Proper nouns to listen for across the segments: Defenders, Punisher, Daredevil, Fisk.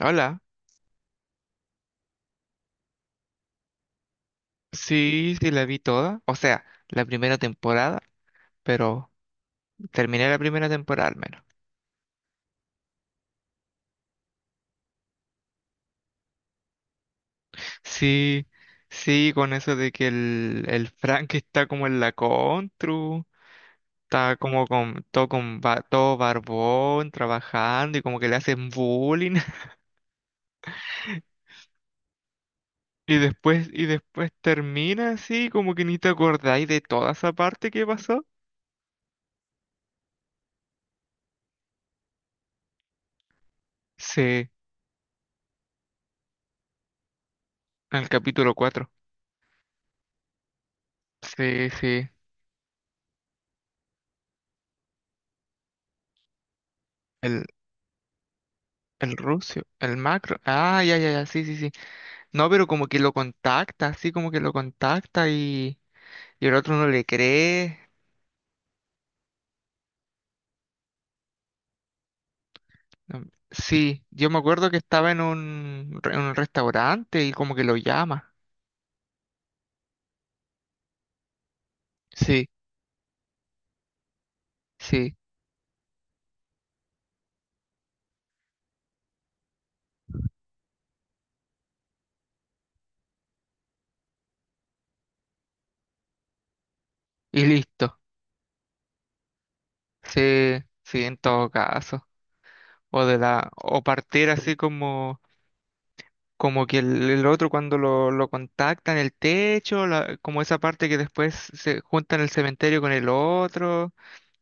Hola, sí, sí la vi toda, o sea, la primera temporada, pero terminé la primera temporada al menos. Sí, sí, con eso de que el Frank está como en la contru, está como con todo, todo barbón, trabajando y como que le hacen bullying. Y después termina así, como que ni te acordáis de toda esa parte que pasó. Sí, en el capítulo 4. Sí, sí. El Rusio, el macro. Ah, ya, ya, ya, sí, sí, sí. No, pero como que lo contacta, así como que lo contacta y el otro no le cree. No, sí, yo me acuerdo que estaba en un restaurante y como que lo llama. Sí, sí, y listo. Sí, sí, en todo caso. O de la, o partir así como. Como que el otro cuando lo contacta en el techo, como esa parte que después se junta en el cementerio con el otro,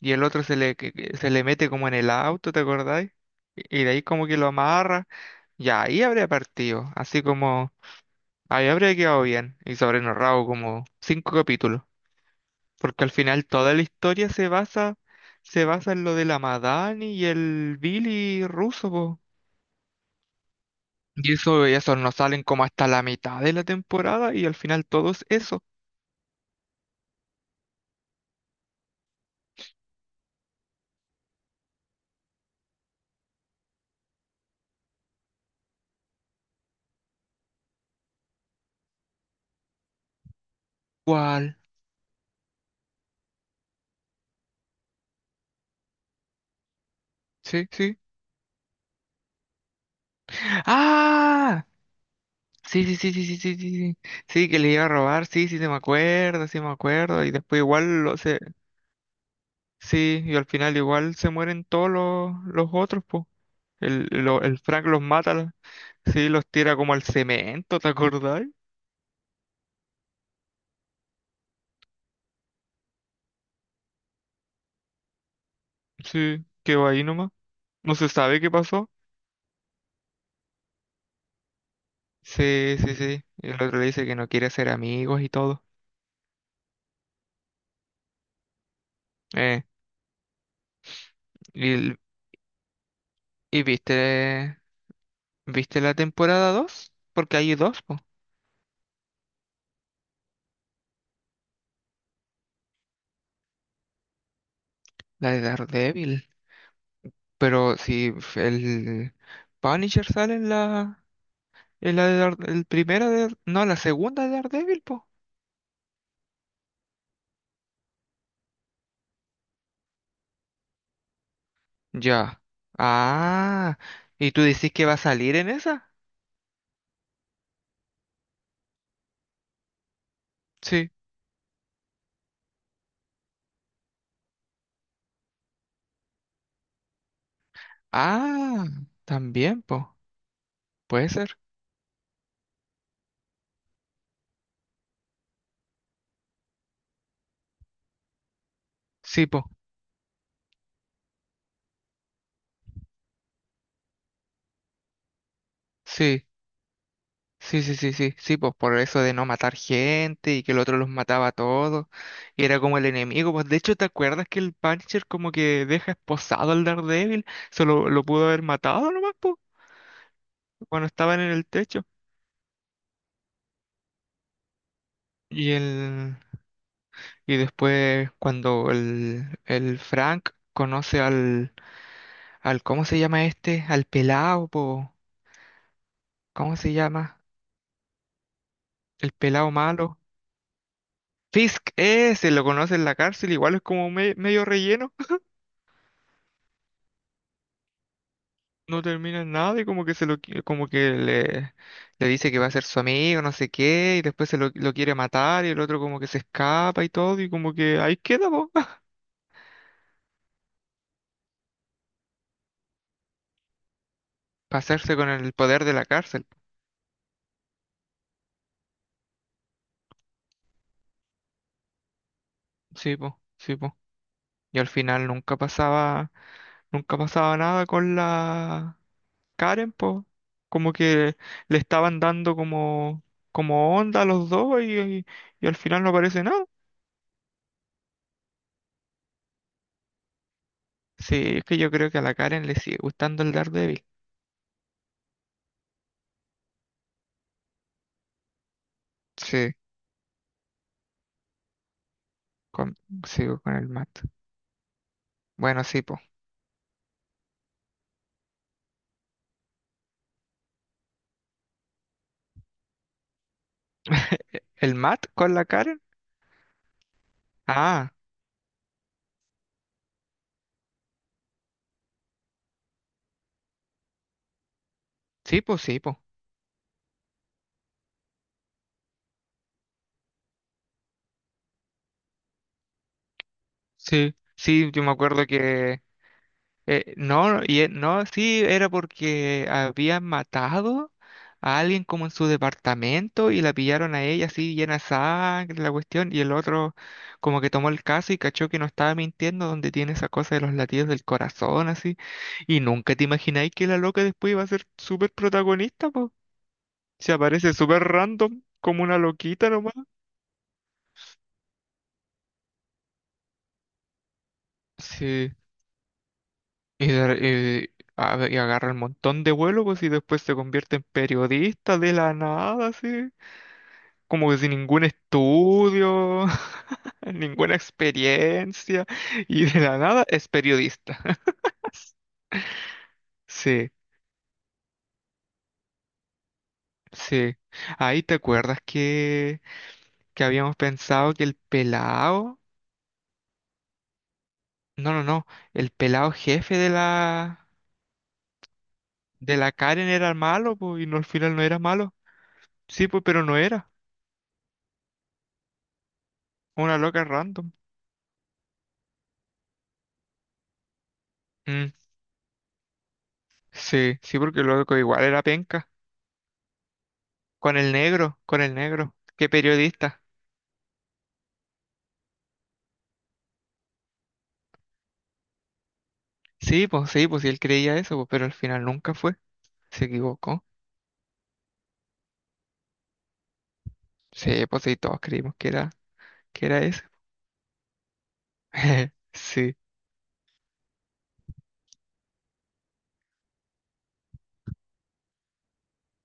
y el otro se le, que se le mete como en el auto, ¿te acordáis? Y de ahí como que lo amarra, ya ahí habría partido, así como ahí habría quedado bien, y sobrenorrado como cinco capítulos, porque al final toda la historia se basa en lo de la Madani y el Billy ruso. Y eso, y esos no salen como hasta la mitad de la temporada y al final todos eso. ¿Cuál? Sí, sí. ¡Ah! Sí, sí, sí, sí, sí, sí, sí. Sí, sí, que le iba a robar, sí, sí, se me acuerdo, sí me acuerdo. Y después igual lo se. Sí, y al final igual se mueren todos los otros, po. El Frank los mata, sí, los tira como al cemento, ¿te acordás? Sí, quedó ahí nomás. No se sabe qué pasó. Sí, sí, sí. Y el otro le dice que no quiere ser amigos y todo. eh ¿Y, y viste, viste la temporada dos? Porque hay dos, po, la de Daredevil. Pero si f- el Punisher sale en la de Dar- el primera de, no, la segunda de Daredevil, po. Ya. Ah, ¿y tú decís que va a salir en esa? Sí. Ah, también, po. Puede ser. Sí, po. Sí. Sí, sí, sí, sí, sí, pues por eso de no matar gente y que el otro los mataba a todos y era como el enemigo, pues de hecho, ¿te acuerdas que el Punisher como que deja esposado al Daredevil? Solo lo pudo haber matado nomás, pues, cuando estaban en el techo. Y el y después cuando el Frank conoce al al ¿cómo se llama este? Al pelado, pues, ¿cómo se llama? El pelado malo. Fisk, ese lo conoce en la cárcel, igual es como medio relleno. No termina nada y como que como que le dice que va a ser su amigo, no sé qué, y después lo quiere matar y el otro como que se escapa y todo y como que ahí queda, po. Pasarse con el poder de la cárcel. Sí, po, sí, po. Y al final nunca pasaba nada con la Karen, po. Como que le estaban dando como, como onda a los dos y al final no aparece nada. Sí, es que yo creo que a la Karen le sigue gustando el Daredevil. Sí. Con- sigo con el Matt. Bueno, sí, po. ¿El Matt con la Karen? Ah, sí, po, sí, po. Sí, sí, yo me acuerdo que… no, sí, era porque habían matado a alguien como en su departamento y la pillaron a ella así llena de sangre, la cuestión, y el otro como que tomó el caso y cachó que no estaba mintiendo donde tiene esa cosa de los latidos del corazón así. Y nunca te imagináis que la loca después iba a ser súper protagonista. Se aparece súper random, como una loquita nomás. Sí. Y, a ver, y agarra un montón de vuelo, pues, y después se convierte en periodista de la nada, así. Como que sin ningún estudio, ninguna experiencia. Y de la nada es periodista. Sí, sí. Ahí te acuerdas que habíamos pensado que el pelado. No, no, no. El pelado jefe de la. De la Karen era malo, pues, y no, al final no era malo. Sí, pues, pero no era. Una loca random. Mm, sí, sí, porque el loco igual era penca. Con el negro, con el negro. Qué periodista. Sí, pues sí, pues sí, él creía eso, pues, pero al final nunca fue. Se equivocó. Sí, pues sí, todos creímos que era ese. Sí,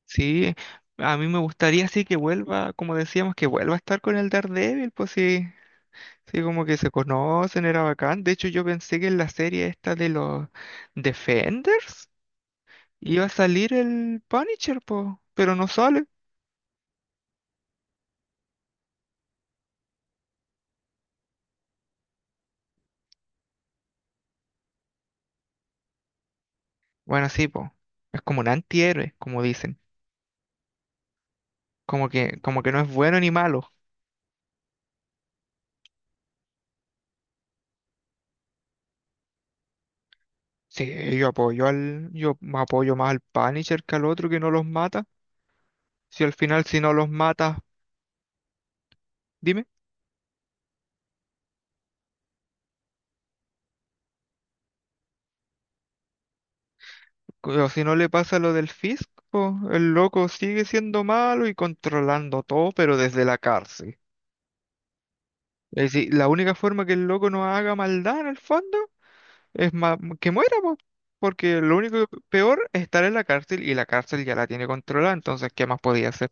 sí. A mí me gustaría sí que vuelva, como decíamos, que vuelva a estar con el Daredevil, pues sí. Sí, como que se conocen, era bacán. De hecho, yo pensé que en la serie esta de los Defenders. Iba a salir el Punisher, po, pero no sale. Bueno, sí, po. Es como un antihéroe, como dicen. Como que no es bueno ni malo. Sí, yo apoyo al, yo me apoyo más al Punisher que al otro que no los mata. Si al final si no los mata, dime, o si no le pasa lo del Fisk, po, el loco sigue siendo malo y controlando todo, pero desde la cárcel. Es decir, la única forma que el loco no haga maldad en el fondo. Es más, que muera, po, porque lo único peor es estar en la cárcel y la cárcel ya la tiene controlada, entonces, ¿qué más podía hacer?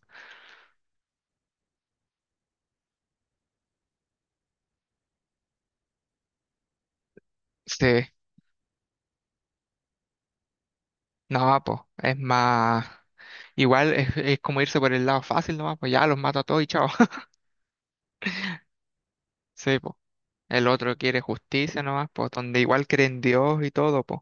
Sí, no, pues, es más, igual es como irse por el lado fácil nomás, pues ya los mato a todos y chao. Sí, pues, el otro quiere justicia nomás, pues, donde igual cree en Dios y todo, pues,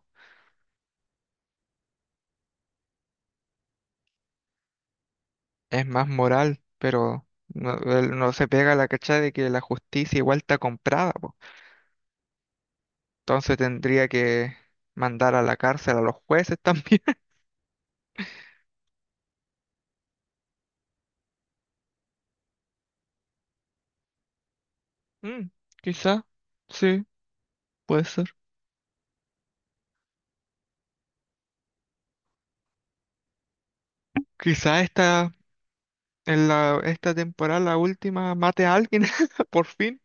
es más moral, pero no, él no se pega la cachada de que la justicia igual está comprada, pues, entonces tendría que mandar a la cárcel a los jueces también. Mm, quizá, sí, puede ser. Quizá esta, en la, esta temporada, la última, mate a alguien, por fin.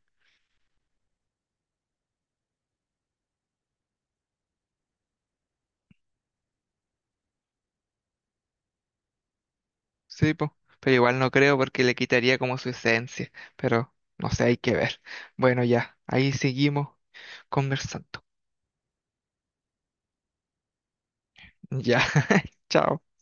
Sí, po. Pero igual no creo porque le quitaría como su esencia. Pero no sé, hay que ver. Bueno, ya, ahí seguimos conversando. Ya, chao.